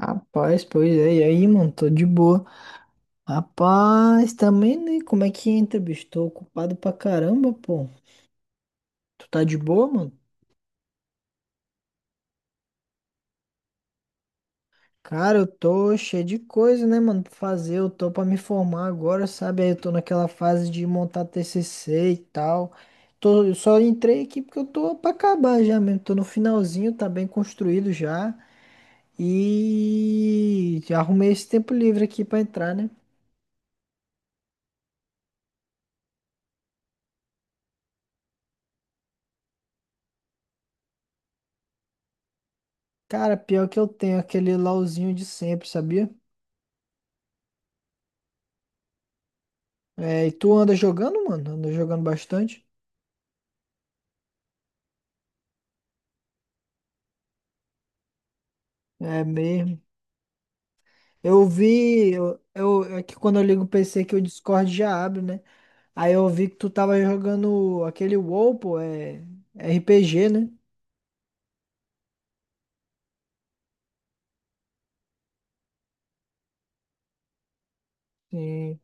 Rapaz, pois é, e aí, mano, tô de boa. Rapaz, também, né? Como é que entra, bicho? Tô ocupado pra caramba, pô. Tu tá de boa, mano? Cara, eu tô cheio de coisa, né, mano, pra fazer. Eu tô pra me formar agora, sabe? Aí eu tô naquela fase de montar TCC e tal. Tô, eu só entrei aqui porque eu tô pra acabar já mesmo. Tô no finalzinho, tá bem construído já. E já arrumei esse tempo livre aqui pra entrar, né? Cara, pior que eu tenho aquele LOLzinho de sempre, sabia? É, e tu anda jogando, mano? Anda jogando bastante? É mesmo. Eu vi, é que quando eu ligo o PC que o Discord já abre, né? Aí eu vi que tu tava jogando aquele WoW, pô, é RPG, né? Sim.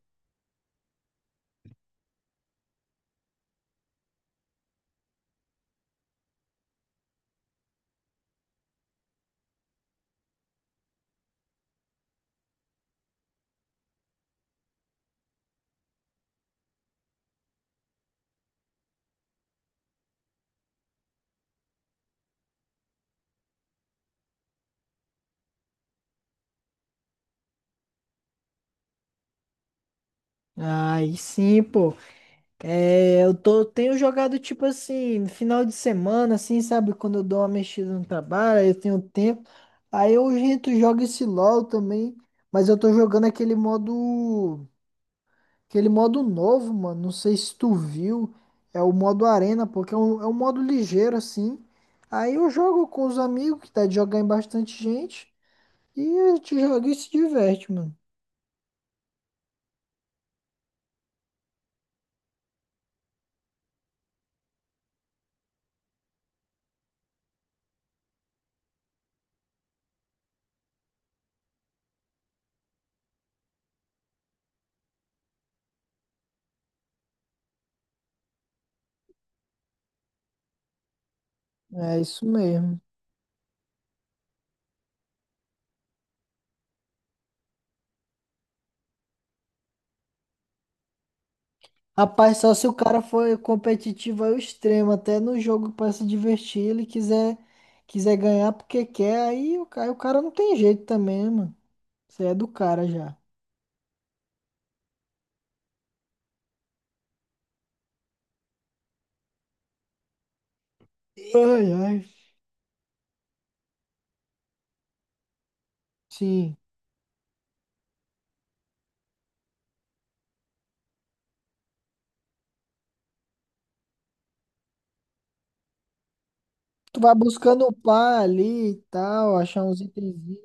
Aí sim, pô. É, tenho jogado tipo assim, no final de semana, assim, sabe? Quando eu dou uma mexida no trabalho, aí eu tenho tempo. Aí eu, gente, jogo esse LoL também, mas eu tô jogando aquele modo. Aquele modo novo, mano, não sei se tu viu, é o modo arena, porque é um modo ligeiro assim. Aí eu jogo com os amigos, que dá de jogar em bastante gente, e a gente joga e se diverte, mano. É isso mesmo. Rapaz, só se o cara for competitivo ao extremo, até no jogo pra se divertir, ele quiser ganhar porque quer, aí cara, o cara não tem jeito também, né, mano. Você é do cara já. Ai, ai. Sim. Tu vai buscando upar ali e tal, achar uns itens.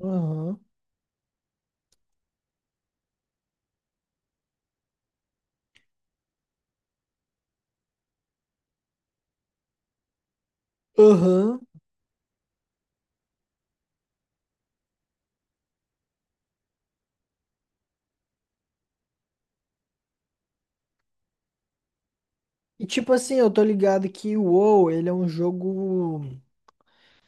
Aham. Aham. E tipo assim, eu tô ligado que o WoW, ele é um jogo.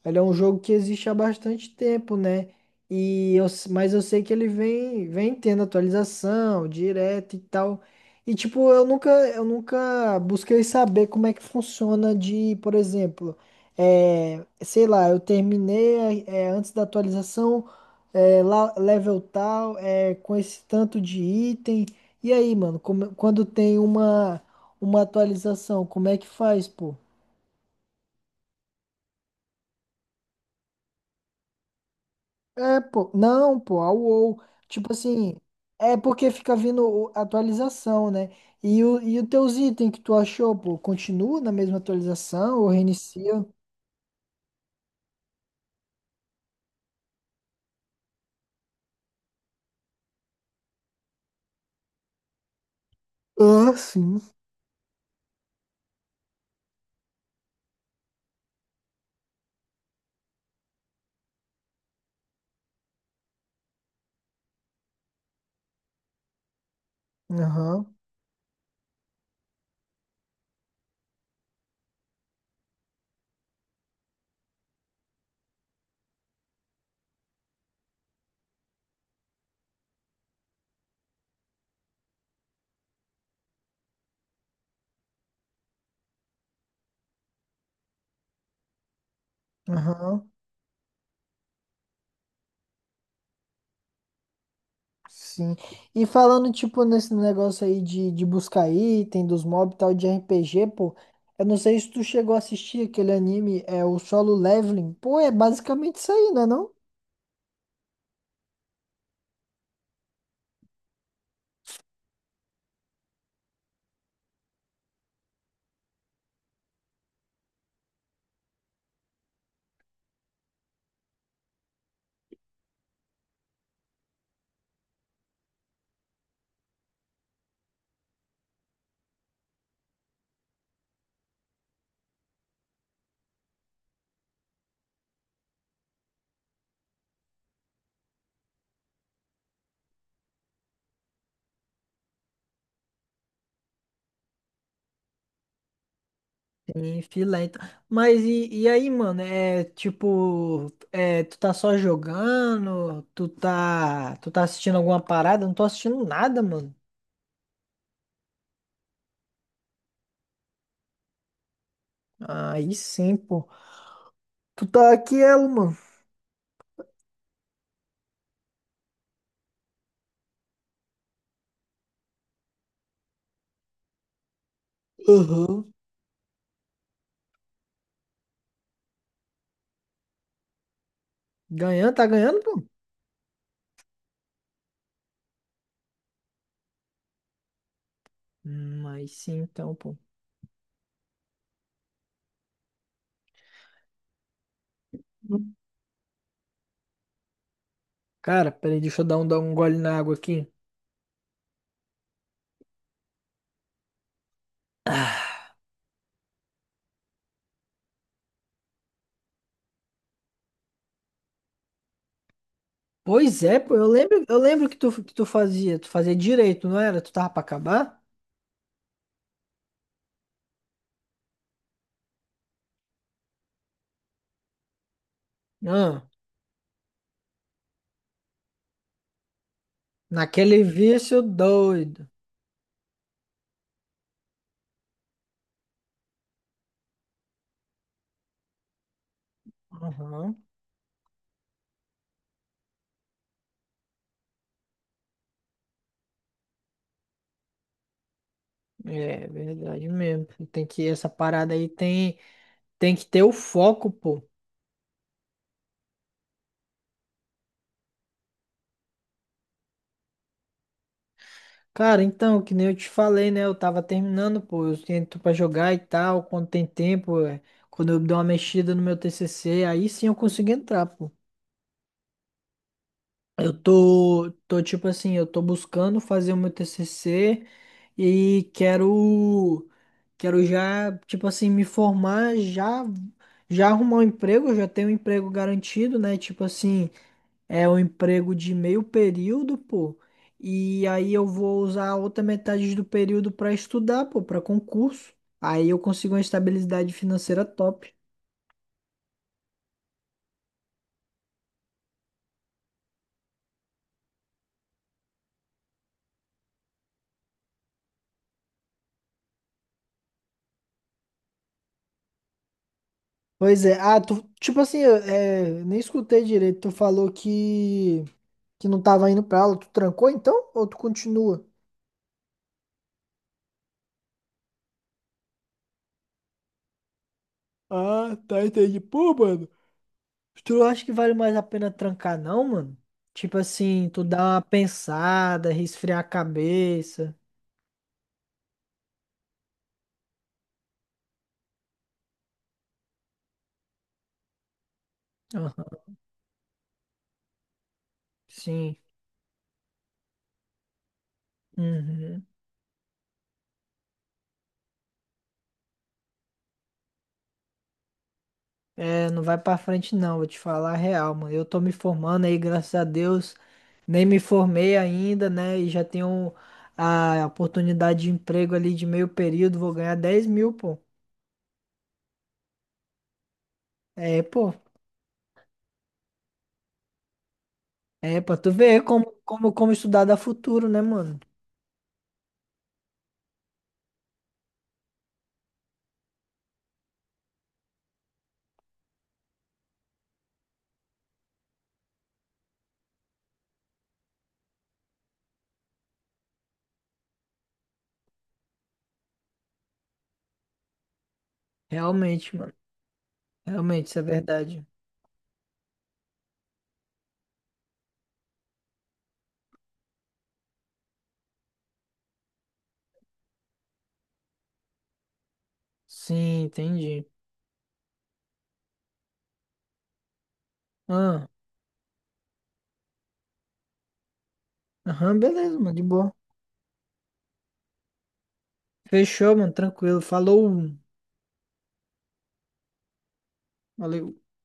Ele é um jogo que existe há bastante tempo, né? E mas eu sei que ele vem tendo atualização direta e tal. E tipo, eu nunca busquei saber como é que funciona de, por exemplo, é, sei lá, eu terminei é, é, antes da atualização, é, level tal, é, com esse tanto de item. E aí, mano, quando tem uma atualização, como é que faz, pô? É, pô, não, pô, a UOL. Tipo assim, é porque fica vindo atualização, né? E os teus itens que tu achou, pô, continua na mesma atualização ou reinicia? Ah, sim. Aham, aham, sim. E falando, tipo, nesse negócio aí de buscar item dos mobs e tal, de RPG, pô, eu não sei se tu chegou a assistir aquele anime, é o Solo Leveling. Pô, é basicamente isso aí, né? Sim, filé. Então. Mas e aí, mano? É tipo, é, tu tá só jogando? Tu tá assistindo alguma parada? Eu não tô assistindo nada, mano. Aí sim, pô. Tu tá aqui, ela, mano. Uhum. Ganhando, tá ganhando, pô? Aí sim, então, pô. Cara, peraí, deixa eu dar um gole na água aqui. Pois é, pô. Eu lembro que tu fazia. Tu fazia direito, não era? Tu tava pra acabar? Ah, naquele vício doido. Aham. É verdade mesmo. Tem que essa parada aí tem que ter o foco, pô. Cara, então, que nem eu te falei, né? Eu tava terminando, pô. Eu tento pra jogar e tal, quando tem tempo, é. Quando eu dou uma mexida no meu TCC, aí sim eu consigo entrar, pô. Eu tô tipo assim, eu tô buscando fazer o meu TCC e quero já, tipo assim, me formar, já já arrumar um emprego, eu já tenho um emprego garantido, né? Tipo assim, é um emprego de meio período, pô. E aí eu vou usar a outra metade do período para estudar, pô, para concurso. Aí eu consigo uma estabilidade financeira top. Pois é. Ah, tu, tipo assim, eu, é, nem escutei direito. Tu falou que não tava indo pra aula. Tu trancou então? Ou tu continua? Ah, tá, entendi. Pô, mano. Tu não acha que vale mais a pena trancar, não, mano? Tipo assim, tu dá uma pensada, resfriar a cabeça. Aham. Sim. Uhum. É, não vai pra frente não, vou te falar a real, mano. Eu tô me formando aí, graças a Deus. Nem me formei ainda, né? E já tenho a oportunidade de emprego ali de meio período, vou ganhar 10 mil, pô. É, pô. É, pra tu ver como estudar dá futuro, né, mano? Realmente, mano. Realmente, isso é verdade. Sim, entendi. Ah, aham, beleza, mano, de boa. Fechou, mano, tranquilo. Falou. Valeu.